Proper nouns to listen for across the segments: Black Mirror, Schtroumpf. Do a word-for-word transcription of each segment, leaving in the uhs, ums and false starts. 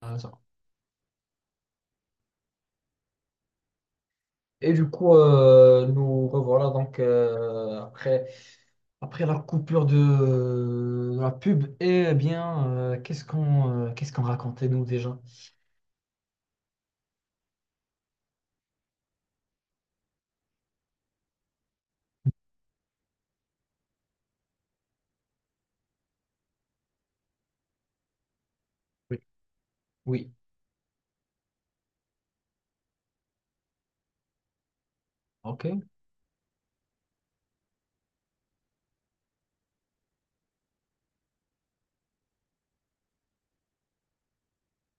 Ah, ça. Et du coup, euh, nous revoilà donc euh, après, après la coupure de, de la pub. Eh bien, euh, qu'est-ce qu'on euh, qu'est-ce qu'on racontait nous déjà? Oui. Oui, ok.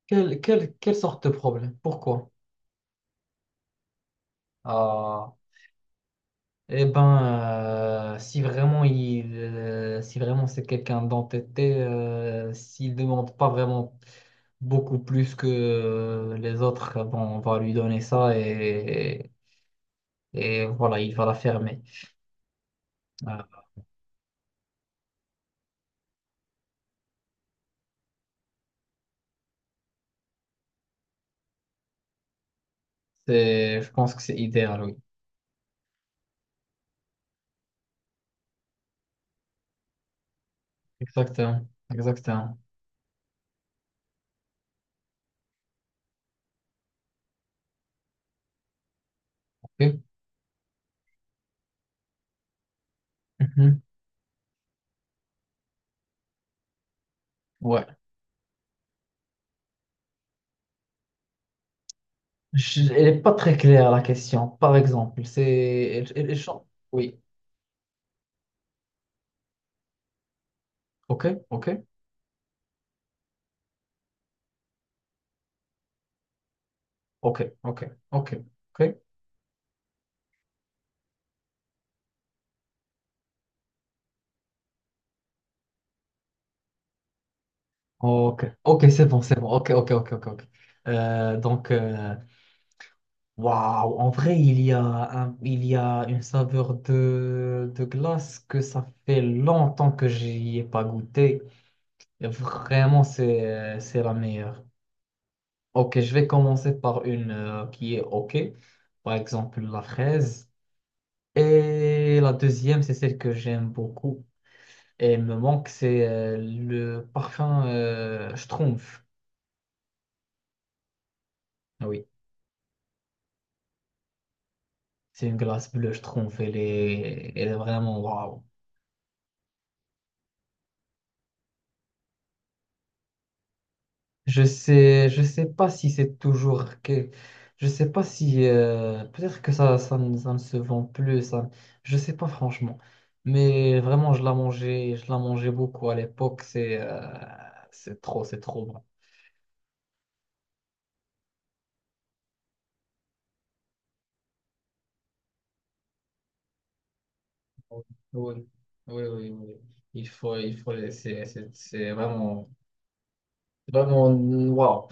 Quelle, quelle, quelle sorte de problème? Pourquoi? Ah, eh ben, euh, si vraiment il, euh, si vraiment c'est quelqu'un d'entêté, euh, s'il demande pas vraiment beaucoup plus que euh, les autres, bon, on va lui donner ça et et voilà, il va la fermer. Voilà. C'est, je pense que c'est idéal, oui. Exactement, exactement. Ok. Mhm. Ouais. Je- elle n'est pas très claire la question. Par exemple, c'est, elle, elle- elle change. Oui. Ok, ok, ok, ok, ok, ok, ok, ok, c'est bon, c'est bon. Ok, ok, ok, ok, ok. Euh, donc, euh, waouh, en vrai, il y a un- il y a une saveur de, de glace que ça fait longtemps que j'y ai pas goûté. Vraiment, c'est, c'est la meilleure. Ok, je vais commencer par une euh, qui est ok. Par exemple, la fraise. Et la deuxième, c'est celle que j'aime beaucoup. Et elle me manque, c'est euh, le parfum euh, Schtroumpf. Ah oui, c'est une glace bleue Schtroumpf. Elle est, elle est vraiment waouh. Je sais, je sais pas si c'est toujours que, je sais pas si euh, peut-être que ça, ça, ne ça ne se vend plus, ça, je sais pas franchement. Mais vraiment, je la mangeais, je la mangeais beaucoup à l'époque. C'est, euh, c'est trop, c'est trop bon. Oui, oui, oui, oui. Il faut, il faut, c'est, c'est c'est vraiment, vraiment waouh.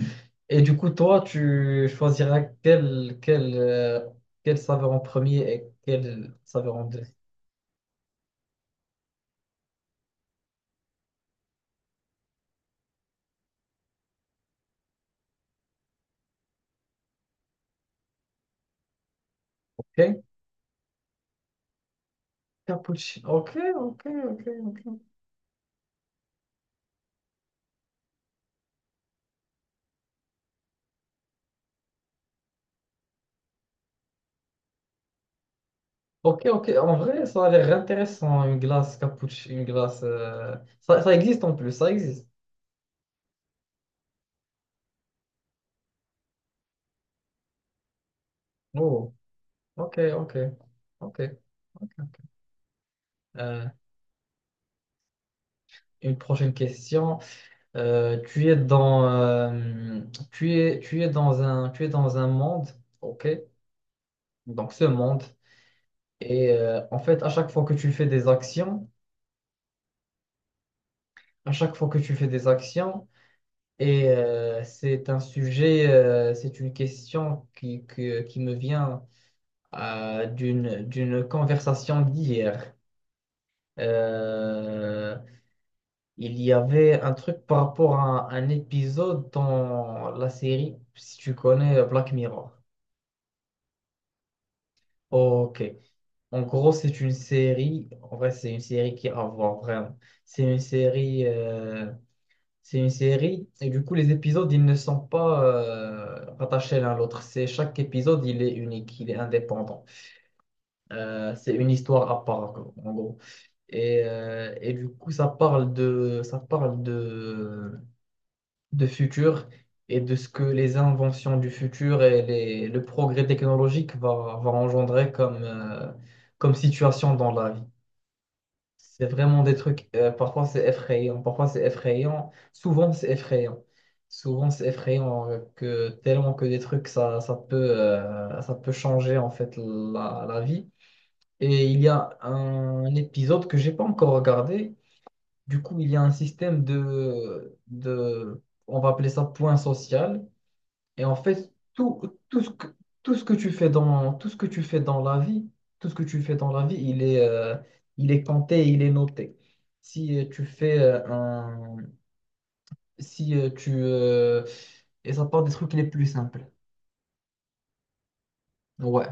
Et du coup, toi, tu choisiras quelle, quelle, euh, quelle saveur en premier et quelle saveur en deuxième. Ok. Cappuccino. Ok, ok, ok, ok. Ok, ok. En vrai, ça a l'air intéressant, une glace cappuccino, une glace. euh, Ça, ça existe en plus, ça existe. Oh, ok, ok, ok. Ok, ok. Euh, une prochaine question. Euh, tu es dans, euh, tu es, tu es dans un, tu es dans un monde, ok? Donc ce monde. Et euh, en fait, à chaque fois que tu fais des actions, à chaque fois que tu fais des actions. Et euh, c'est un sujet, euh, c'est une question qui, que- qui me vient euh, d'une, d'une conversation d'hier. Euh, il y avait un truc par rapport à un, épisode dans la série, si tu connais Black Mirror. Ok. En gros, c'est une série, en vrai, c'est une série qui a à voir vraiment. C'est une série. euh, C'est une série et du coup les épisodes ils ne sont pas euh, rattachés l'un à l'autre. C'est chaque épisode il est unique, il est indépendant. Euh, c'est une histoire à part en gros. Et, euh, et du coup ça parle de ça parle de de futur et de ce que les inventions du futur et les, le progrès technologique va, va engendrer comme euh, comme situation dans la vie. C'est vraiment des trucs, euh, parfois c'est effrayant, parfois c'est effrayant, souvent c'est effrayant. Souvent c'est effrayant euh, que tellement que des trucs, ça, ça peut, euh, ça peut changer en fait la, la vie. Et il y a un épisode que j'ai pas encore regardé. Du coup, il y a un système de, de, on va appeler ça point social. Et en fait, tout, tout ce que, tout ce que tu fais dans, tout ce que tu fais dans la vie, tout ce que tu fais dans la vie, il est, euh, il est compté, il est noté. Si euh, tu fais euh, un, si euh, tu, euh, Et ça part des trucs les plus simples. Ouais,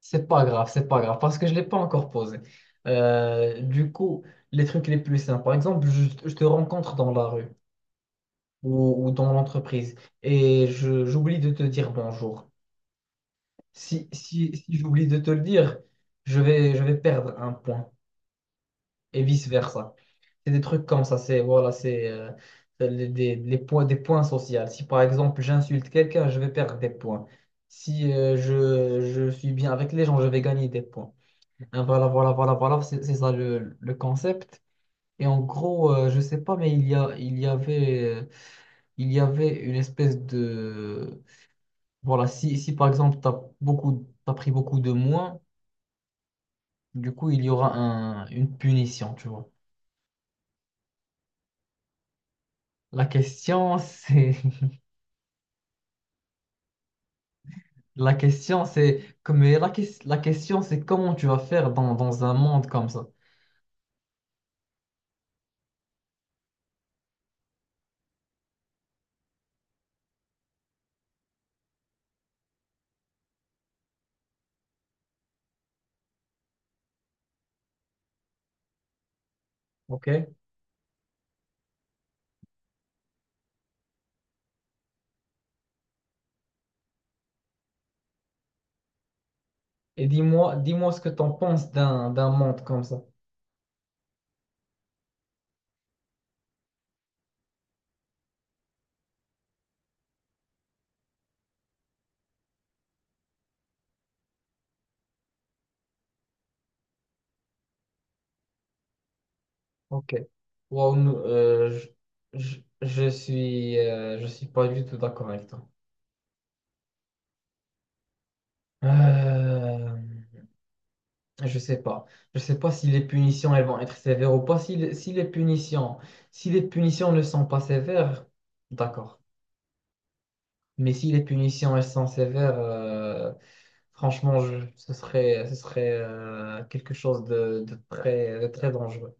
c'est pas grave, c'est pas grave, parce que je l'ai pas encore posé. Euh, du coup, les trucs les plus simples. Par exemple, je, je te rencontre dans la rue ou, ou dans l'entreprise et je, j'oublie de te dire bonjour. Si, si, si j'oublie de te le dire, je vais, je vais perdre un point et vice-versa. C'est des trucs comme ça, c'est voilà, c'est euh, les, des, les points, des points sociaux. Si par exemple j'insulte quelqu'un, je vais perdre des points. Si euh, je, je suis bien avec les gens, je vais gagner des points. Hein, voilà, voilà, voilà, voilà, c'est c'est ça le, le concept. Et en gros, euh, je sais pas, mais il y a, il y avait, euh, il y avait une espèce de... Voilà, si, si par exemple, tu as beaucoup, t'as pris beaucoup de moins. Du coup, il y aura un, une punition, tu vois. La question, c'est... La question, c'est... comme- Mais la, ques- la question, c'est comment tu vas faire dans, dans un monde comme ça. OK? Et dis-moi, dis-moi ce que tu en penses d'un, d'un monde comme ça. OK. Wow, nous, euh, je, je, je suis, euh, je suis pas du tout d'accord avec toi. Euh, je sais pas. Je sais pas si les punitions, elles vont être sévères ou pas. Si, les- si les punitions, si les punitions ne sont pas sévères, d'accord. Mais si les punitions elles sont sévères, euh, franchement, je- ce serait, ce serait euh, quelque chose de, de très, de très dangereux.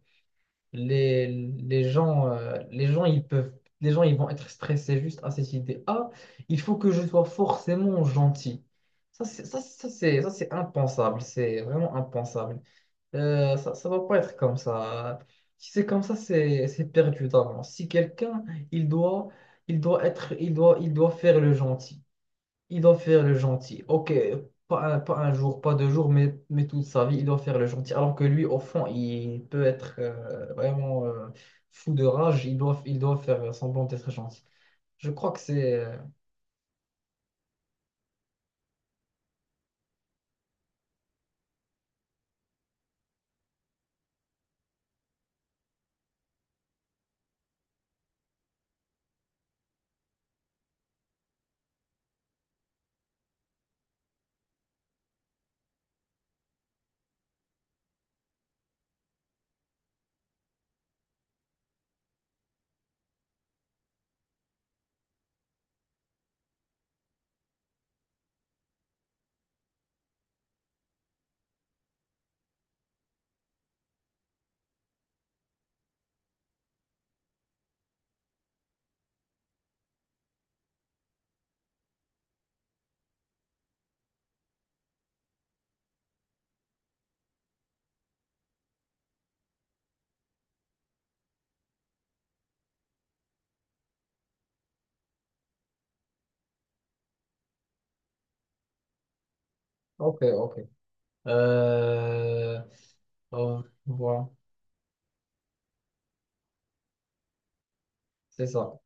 Les, les gens, euh, les gens, ils peuvent, les gens, ils vont être stressés juste à cette idée. Ah, il faut que je sois forcément gentil. Ça, c'est, ça, ça, c'est, ça, c'est impensable. C'est vraiment impensable. Euh, ça, ça va pas être comme ça. Si c'est comme ça, c'est, c'est perdu d'avance. Si quelqu'un, il doit, il doit être, il doit, il doit faire le gentil. Il doit faire le gentil. Ok, pas un, pas un jour, pas deux jours, mais, mais toute sa vie, il doit faire le gentil. Alors que lui, au fond, il peut être euh, vraiment euh, fou de rage. Il doit, il doit faire semblant d'être gentil. Je crois que c'est... euh, Ok, ok. Euh, oh, voilà, c'est ça.